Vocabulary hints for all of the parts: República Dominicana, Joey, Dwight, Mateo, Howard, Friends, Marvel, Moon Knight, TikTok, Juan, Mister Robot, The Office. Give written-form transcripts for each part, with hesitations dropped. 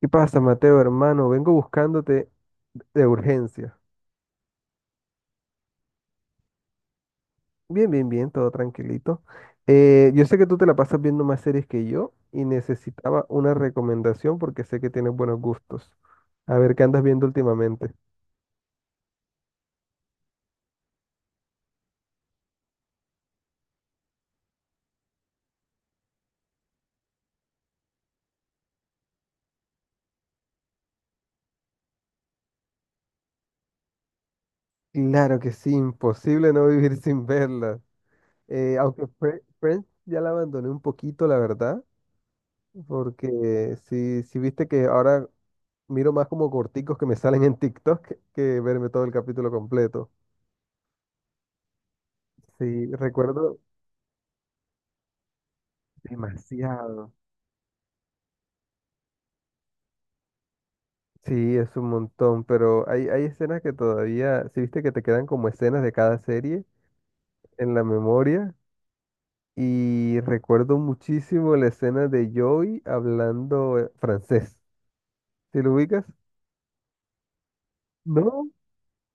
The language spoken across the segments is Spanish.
¿Qué pasa, Mateo, hermano? Vengo buscándote de urgencia. Bien, bien, bien, todo tranquilito. Yo sé que tú te la pasas viendo más series que yo y necesitaba una recomendación porque sé que tienes buenos gustos. A ver, ¿qué andas viendo últimamente? Claro que sí, imposible no vivir sin verla. Aunque Friends ya la abandoné un poquito, la verdad, porque si viste que ahora miro más como corticos que me salen en TikTok que verme todo el capítulo completo. Sí, recuerdo. Demasiado. Sí, es un montón, pero hay escenas que todavía, si viste que te quedan como escenas de cada serie en la memoria. Y recuerdo muchísimo la escena de Joey hablando francés. ¿Sí lo ubicas? No.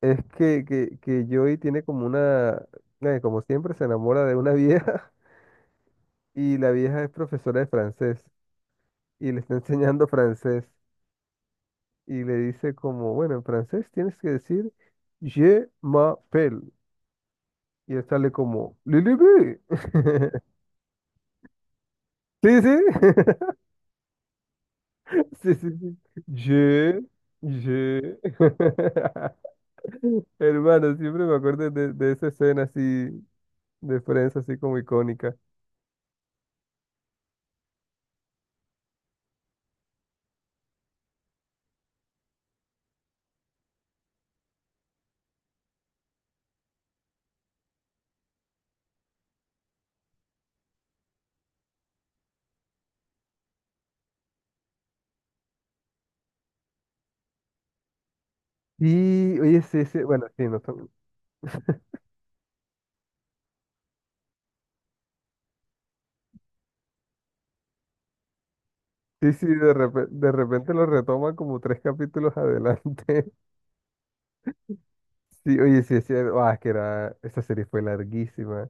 Es que Joey tiene como una, como siempre, se enamora de una vieja y la vieja es profesora de francés y le está enseñando francés y le dice como, bueno, en francés tienes que decir Je m'appelle. Y él sale como, Lilibi. Sí, sí. Sí, sí, sí. Je, je. Hermano, siempre me acuerdo de esa escena así de Friends, así como icónica. Y, oye, sí, sí, bueno, sí, no son- Sí, sí, de repente lo retoman como tres capítulos adelante. Sí, oye, sí, sí, ah, es que era, esa serie fue larguísima.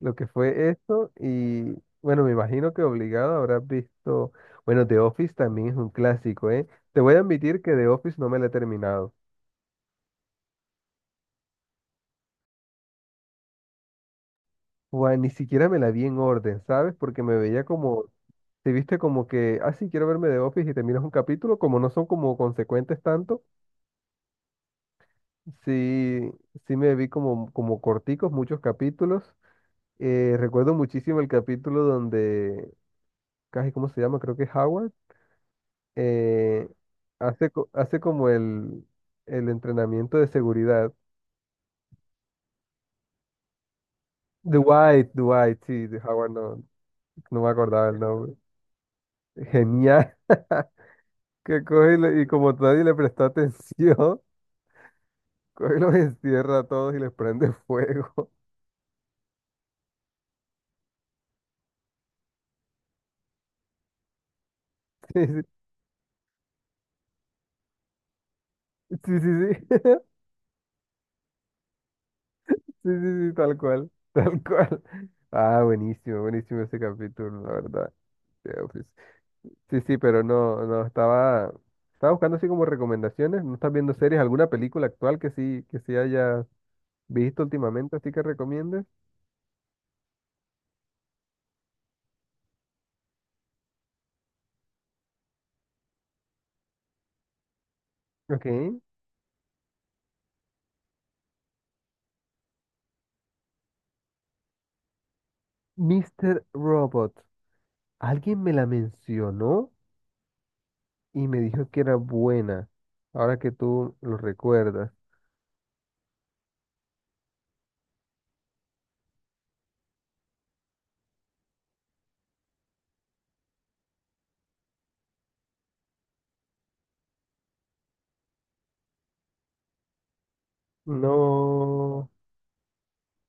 Lo que fue eso y bueno, me imagino que obligado habrás visto, bueno, The Office también es un clásico, ¿eh? Te voy a admitir que The Office no me la he terminado. Juan, ni siquiera me la vi en orden, ¿sabes? Porque me veía como, te viste como que, ah, sí, quiero verme The Office y te miras un capítulo, como no son como consecuentes tanto, sí, sí me vi como, como corticos, muchos capítulos. Recuerdo muchísimo el capítulo donde, casi, ¿cómo se llama? Creo que es Howard, eh, hace como el entrenamiento de seguridad. Dwight, Dwight, sí, de Howard no, no me acordaba el nombre. Genial, que coge y, le- y como nadie le prestó atención, coge y los encierra a todos y les prende fuego. Sí, sí, sí, sí, sí, sí, sí, sí, tal cual, tal cual. Ah, buenísimo, buenísimo ese capítulo, la verdad. Sí, sí, pero no, no, estaba buscando así como recomendaciones. ¿No estás viendo series? ¿Alguna película actual que sí hayas visto últimamente, así que recomiendes? Ok. Mister Robot. Alguien me la mencionó y me dijo que era buena. Ahora que tú lo recuerdas. No.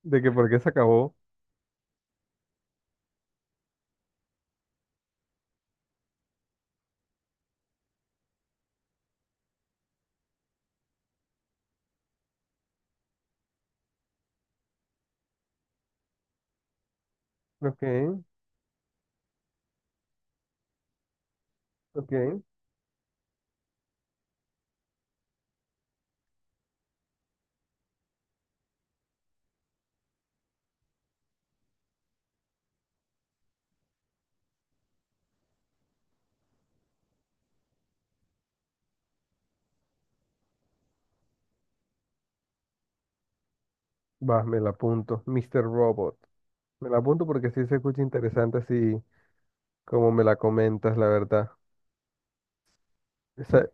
De que por qué se acabó. Ok, ok. Va, me la apunto. Mister Robot. Me la apunto porque sí se escucha interesante así como me la comentas, la verdad. Esa-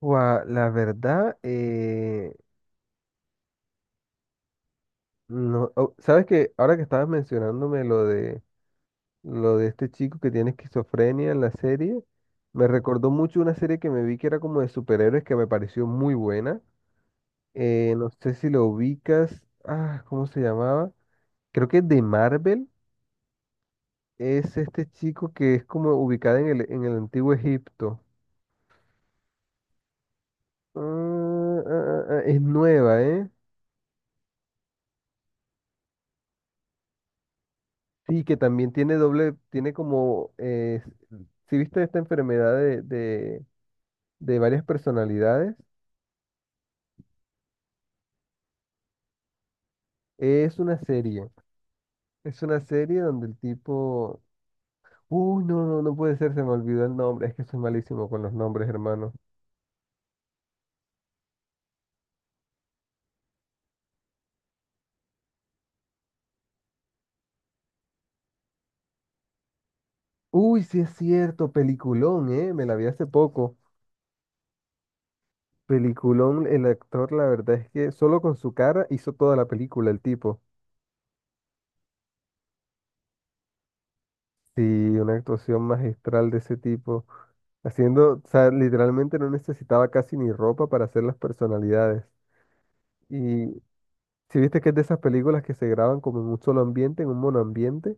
Guau, la verdad, no, oh, sabes que ahora que estabas mencionándome lo de este chico que tiene esquizofrenia en la serie, me recordó mucho una serie que me vi que era como de superhéroes que me pareció muy buena. No sé si lo ubicas, ah, ¿cómo se llamaba? Creo que de Marvel es este chico que es como ubicado en el antiguo Egipto. Ah, ah, ah, ah, es nueva, ¿eh? Sí, que también tiene doble, tiene como, si viste esta enfermedad de varias personalidades, es una serie, es una serie donde el tipo, uy, no, no, no puede ser, se me olvidó el nombre, es que soy malísimo con los nombres, hermano. Uy, sí es cierto, peliculón, me la vi hace poco, peliculón, el actor, la verdad es que solo con su cara hizo toda la película, el tipo. Sí, una actuación magistral de ese tipo, haciendo, o sea, literalmente no necesitaba casi ni ropa para hacer las personalidades. Y si viste que es de esas películas que se graban como en un solo ambiente, en un monoambiente,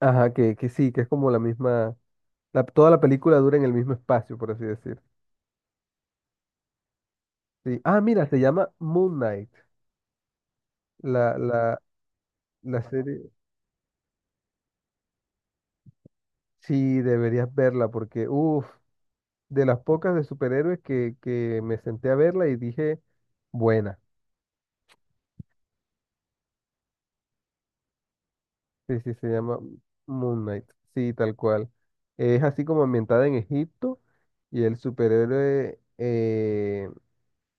ajá, que sí, que es como la misma, la- toda la película dura en el mismo espacio, por así decir. Sí. Ah, mira, se llama Moon Knight, la, la, la serie, sí, deberías verla porque, uff, de las pocas de superhéroes que me senté a verla y dije, buena. Sí, sí, se llama Moon Knight. Sí, tal cual. Es así como ambientada en Egipto y el superhéroe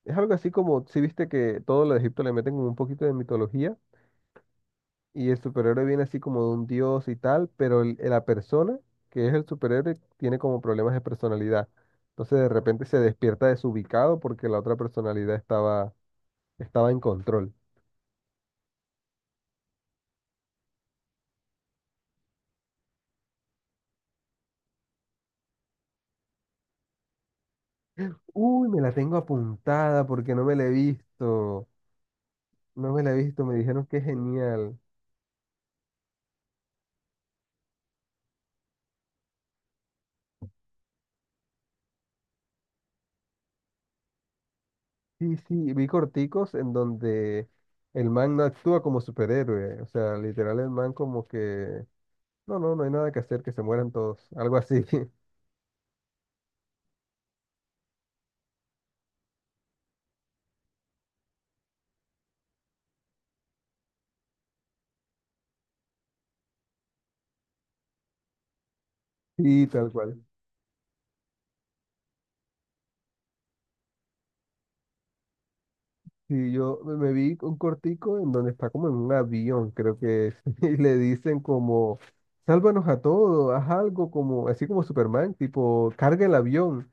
es algo así como, si viste que todo lo de Egipto le meten como un poquito de mitología y el superhéroe viene así como de un dios y tal, pero el- la persona que es el superhéroe tiene como problemas de personalidad. Entonces de repente se despierta desubicado porque la otra personalidad estaba en control. Uy, me la tengo apuntada porque no me la he visto. No me la he visto, me dijeron que es genial. Sí, sí, vi corticos en donde el man no actúa como superhéroe. O sea, literal el man como que, no, no, no hay nada que hacer, que se mueran todos. Algo así. Sí, tal cual. Sí, yo me vi un cortico en donde está como en un avión, creo que es, y le dicen como, sálvanos a todos, haz algo como, así como Superman, tipo, carga el avión.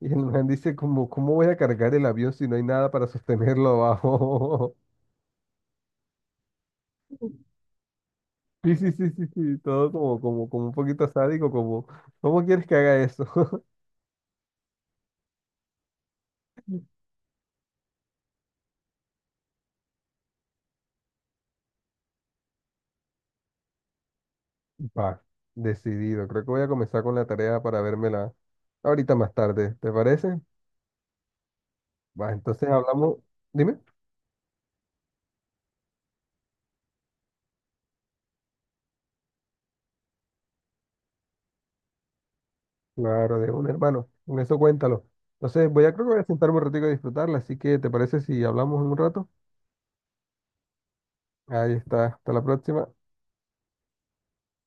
Y el man dice como, ¿cómo voy a cargar el avión si no hay nada para sostenerlo abajo? Sí, sí, sí, sí, sí, todo como, como, como un poquito sádico, como, ¿cómo quieres que haga eso? Va, decidido. Creo que voy a comenzar con la tarea para vérmela ahorita más tarde, ¿te parece? Va, entonces hablamos, dime. Claro, de un hermano, con eso cuéntalo. Entonces, voy a, creo que voy a sentarme un ratito a disfrutarla, así que, ¿te parece si hablamos en un rato? Ahí está, hasta la próxima.